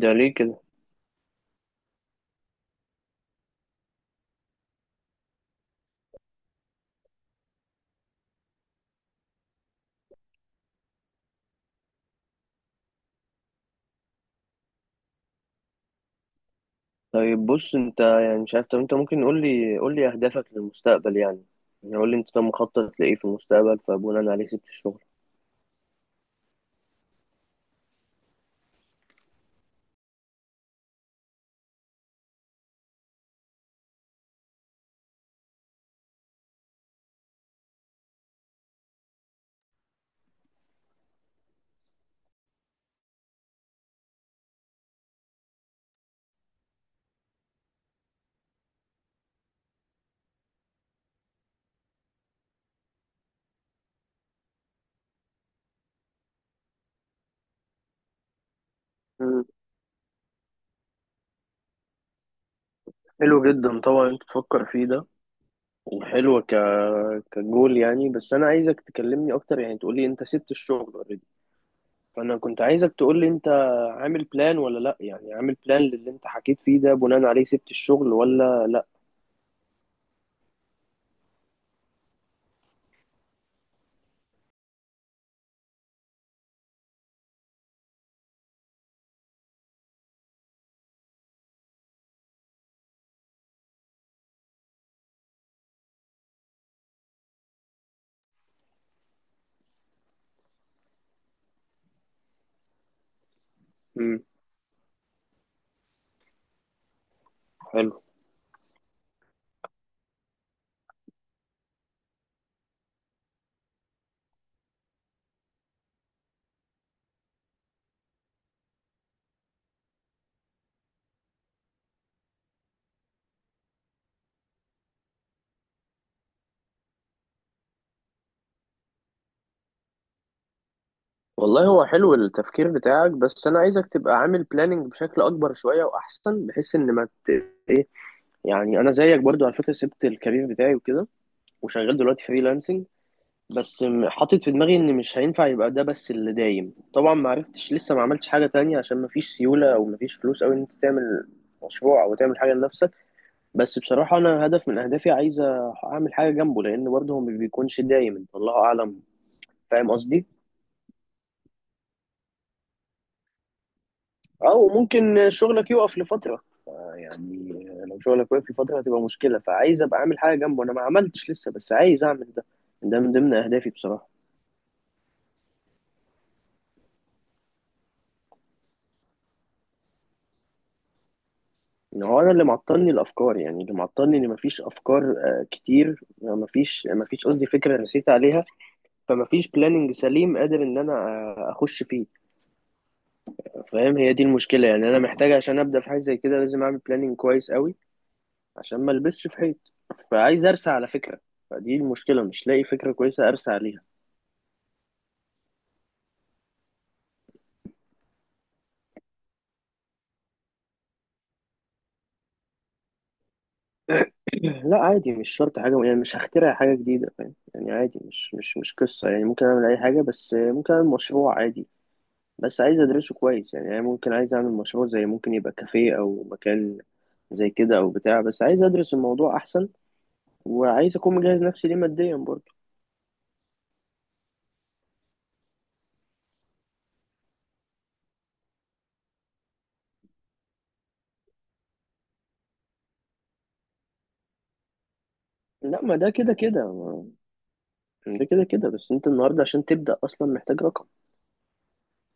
ده ليه كده؟ طيب بص، انت يعني مش عارف. طب انت ممكن قول لي اهدافك للمستقبل يعني. يعني قول لي انت طب مخطط لايه في المستقبل، فبناء عليه سبت الشغل. مم. حلو جدا. طبعا انت تفكر فيه ده، وحلو كجول يعني. بس انا عايزك تكلمني اكتر، يعني تقول لي انت سبت الشغل اوريدي. فانا كنت عايزك تقول لي انت عامل بلان ولا لا، يعني عامل بلان للي انت حكيت فيه ده بناء عليه سبت الشغل ولا لا. امم حلو. والله هو حلو التفكير بتاعك، بس انا عايزك تبقى عامل بلاننج بشكل اكبر شويه واحسن، بحيث ان ما ت... يعني انا زيك برضو على فكره سبت الكارير بتاعي وكده، وشغال دلوقتي فريلانسنج. بس حاطط في دماغي ان مش هينفع يبقى ده بس اللي دايم. طبعا ما عرفتش لسه، ما عملتش حاجه تانية عشان ما فيش سيوله، او ما فيش فلوس قوي ان انت تعمل مشروع او تعمل حاجه لنفسك. بس بصراحه انا هدف من اهدافي عايز اعمل حاجه جنبه، لان برضه هو ما بيكونش دايم. انت الله اعلم، فاهم قصدي؟ او ممكن شغلك يقف لفتره يعني. لو شغلك واقف في فترة هتبقى مشكلة، فعايز أبقى أعمل حاجة جنبه. أنا ما عملتش لسه بس عايز أعمل ده. ده من ضمن أهدافي بصراحة. إن هو أنا اللي معطلني الأفكار، يعني اللي معطلني إن مفيش أفكار كتير. مفيش قصدي فكرة رسيت عليها. فمفيش بلاننج سليم قادر إن أنا أخش فيه. فاهم؟ هي دي المشكلة يعني. أنا محتاج عشان أبدأ في حاجة زي كده لازم أعمل بلاننج كويس قوي عشان ما ألبسش في حيط. فعايز أرسى على فكرة، فدي المشكلة. مش لاقي فكرة كويسة أرسى عليها. لا عادي، مش شرط حاجة يعني. مش هخترع حاجة جديدة، فاهم يعني؟ عادي، مش قصة يعني. ممكن أعمل أي حاجة، بس ممكن أعمل مشروع عادي بس عايز أدرسه كويس. يعني أنا ممكن عايز أعمل مشروع زي، ممكن يبقى كافيه أو مكان زي كده أو بتاع، بس عايز أدرس الموضوع أحسن، وعايز أكون مجهز نفسي ليه ماديا برضه. لا، ما ده كده كده ده كده كده. بس أنت النهاردة عشان تبدأ أصلا محتاج رقم.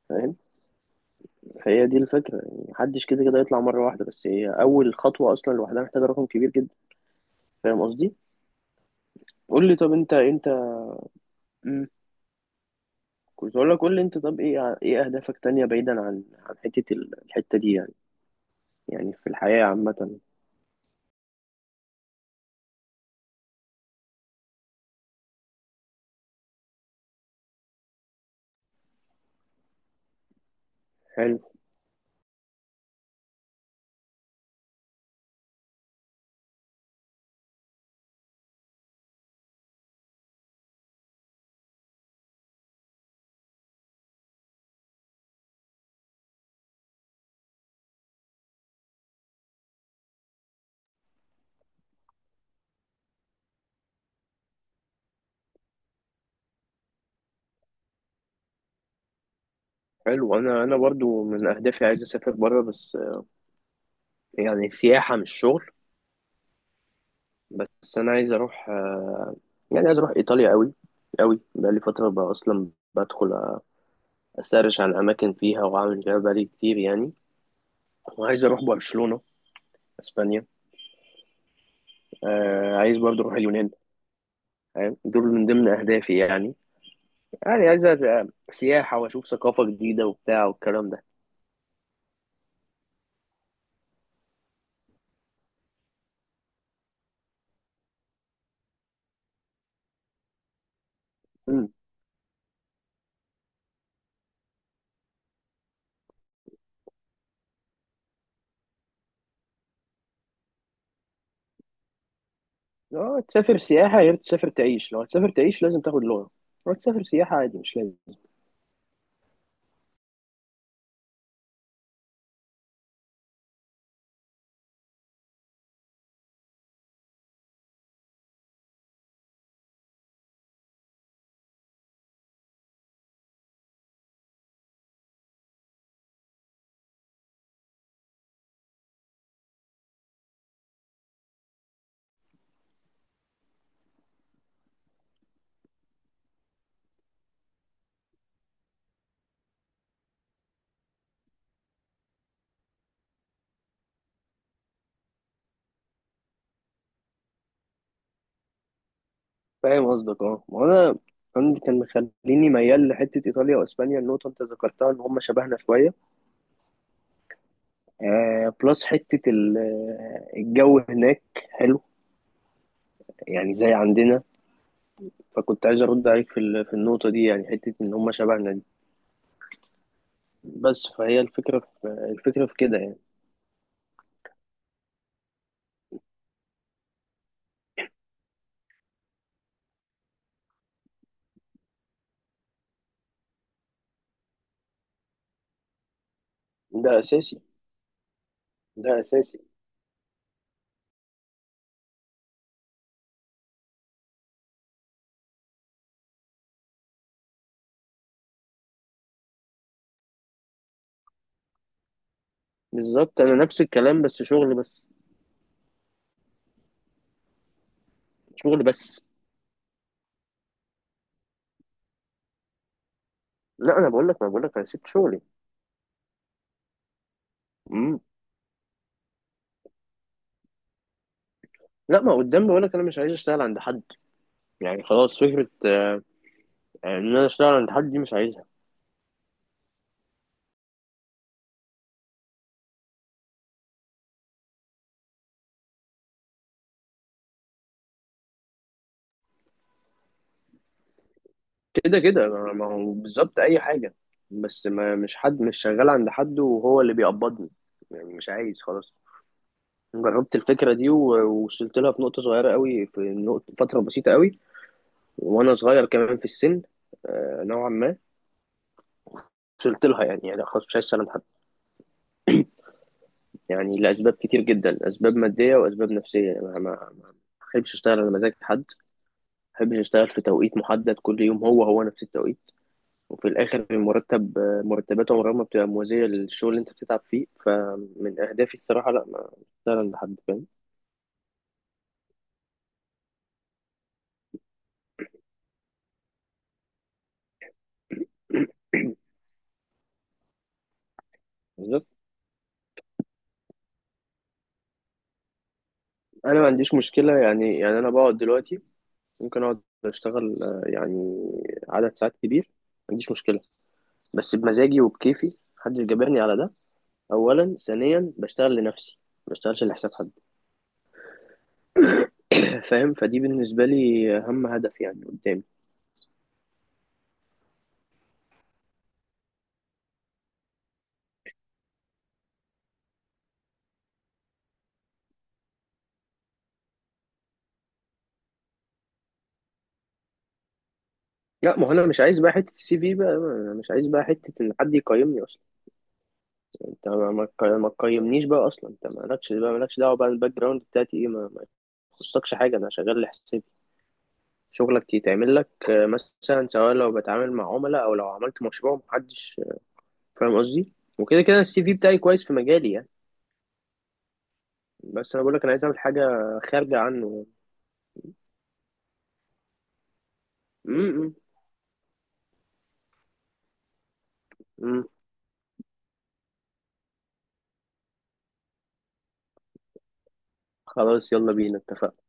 فاهم؟ هي دي الفكرة يعني. محدش كده كده يطلع مرة واحدة، بس هي أول خطوة أصلا لوحدها محتاجة رقم كبير جدا. فاهم قصدي؟ قول لي طب أنت. كنت اقول لك قول لي انت طب ايه ايه اهدافك تانية، بعيدا عن حتة الحتة دي يعني. يعني في الحياة عامة. حلو. حلو، انا برضو من اهدافي عايز اسافر بره، بس يعني سياحة مش شغل. بس انا عايز اروح يعني عايز اروح ايطاليا قوي قوي. بقالي فترة بقى اصلا بدخل اسرش عن اماكن فيها واعمل فيها بقالي كتير يعني. وعايز اروح برشلونة، اسبانيا. عايز برضو اروح اليونان. فاهم؟ دول من ضمن اهدافي يعني. يعني عايز سياحة، واشوف ثقافة جديدة وبتاع والكلام ده. مم. اه، تسافر سياحة غير تسافر تعيش. لو هتسافر تعيش لازم تاخد لغة، لو هتسافر سياحة عادي مش لازم. فاهم قصدك، اه. ما أنا كان مخليني ميال لحتة إيطاليا وأسبانيا. النقطة أنت ذكرتها إن هم شبهنا شوية. بلس حتة الجو هناك حلو يعني زي عندنا. فكنت عايز أرد عليك في في النقطة دي يعني، حتة إن هم شبهنا دي. بس فهي الفكرة في الفكرة في كده يعني. ده أساسي. ده أساسي. بالظبط، أنا نفس الكلام بس شغل بس. شغل بس. لا انا بقول لك انا سبت شغلي. امم لا ما قدام. بقول لك انا مش عايز اشتغل عند حد. يعني خلاص فكره ان انا اشتغل عند حد دي مش عايزها. كده كده ما هو بالظبط اي حاجه، بس ما مش حد مش شغال عند حد وهو اللي بيقبضني. يعني مش عايز، خلاص جربت الفكره دي و- ووصلت لها في نقطه صغيره قوي. في نقطه فتره بسيطه قوي وانا صغير كمان في السن نوعا ما. وصلت لها يعني خلاص مش عايز اشتغل عند حد، يعني لأسباب كتير جدا. أسباب مادية وأسباب نفسية، يعني ما ما ما بحبش أشتغل على مزاج حد. ما بحبش أشتغل في توقيت محدد كل يوم هو هو نفس التوقيت. وفي الآخر المرتب، مرتبات عمرها ما بتبقى موازية للشغل اللي أنت بتتعب فيه. فمن أهدافي الصراحة لا ما أشتغل عند حد، فاهم؟ بالظبط. أنا ما عنديش مشكلة يعني أنا بقعد دلوقتي، ممكن أقعد أشتغل يعني عدد ساعات كبير ما عنديش مشكلة، بس بمزاجي وبكيفي محدش جبرني على ده. أولا. ثانيا بشتغل لنفسي ما بشتغلش لحساب حد. فاهم؟ فدي بالنسبة لي أهم هدف يعني قدامي. لا ما هو أنا مش عايز بقى حتة السي في بقى. أنا مش عايز بقى حتة إن حد يقيمني أصلا. أنت ما تقيمنيش بقى أصلا. أنت مالكش دعوة بقى. الباك جراوند بتاعتي إيه ما يخصكش حاجة. أنا شغال لحسابي. شغلك يتعمل لك مثلا، سواء لو بتعامل مع عملاء أو لو عملت مشروع محدش. فاهم قصدي؟ وكده كده السي في بتاعي كويس في مجالي يعني. بس أنا بقول لك أنا عايز أعمل حاجة خارجة عنه. م -م. م. خلاص يلا بينا اتفقنا.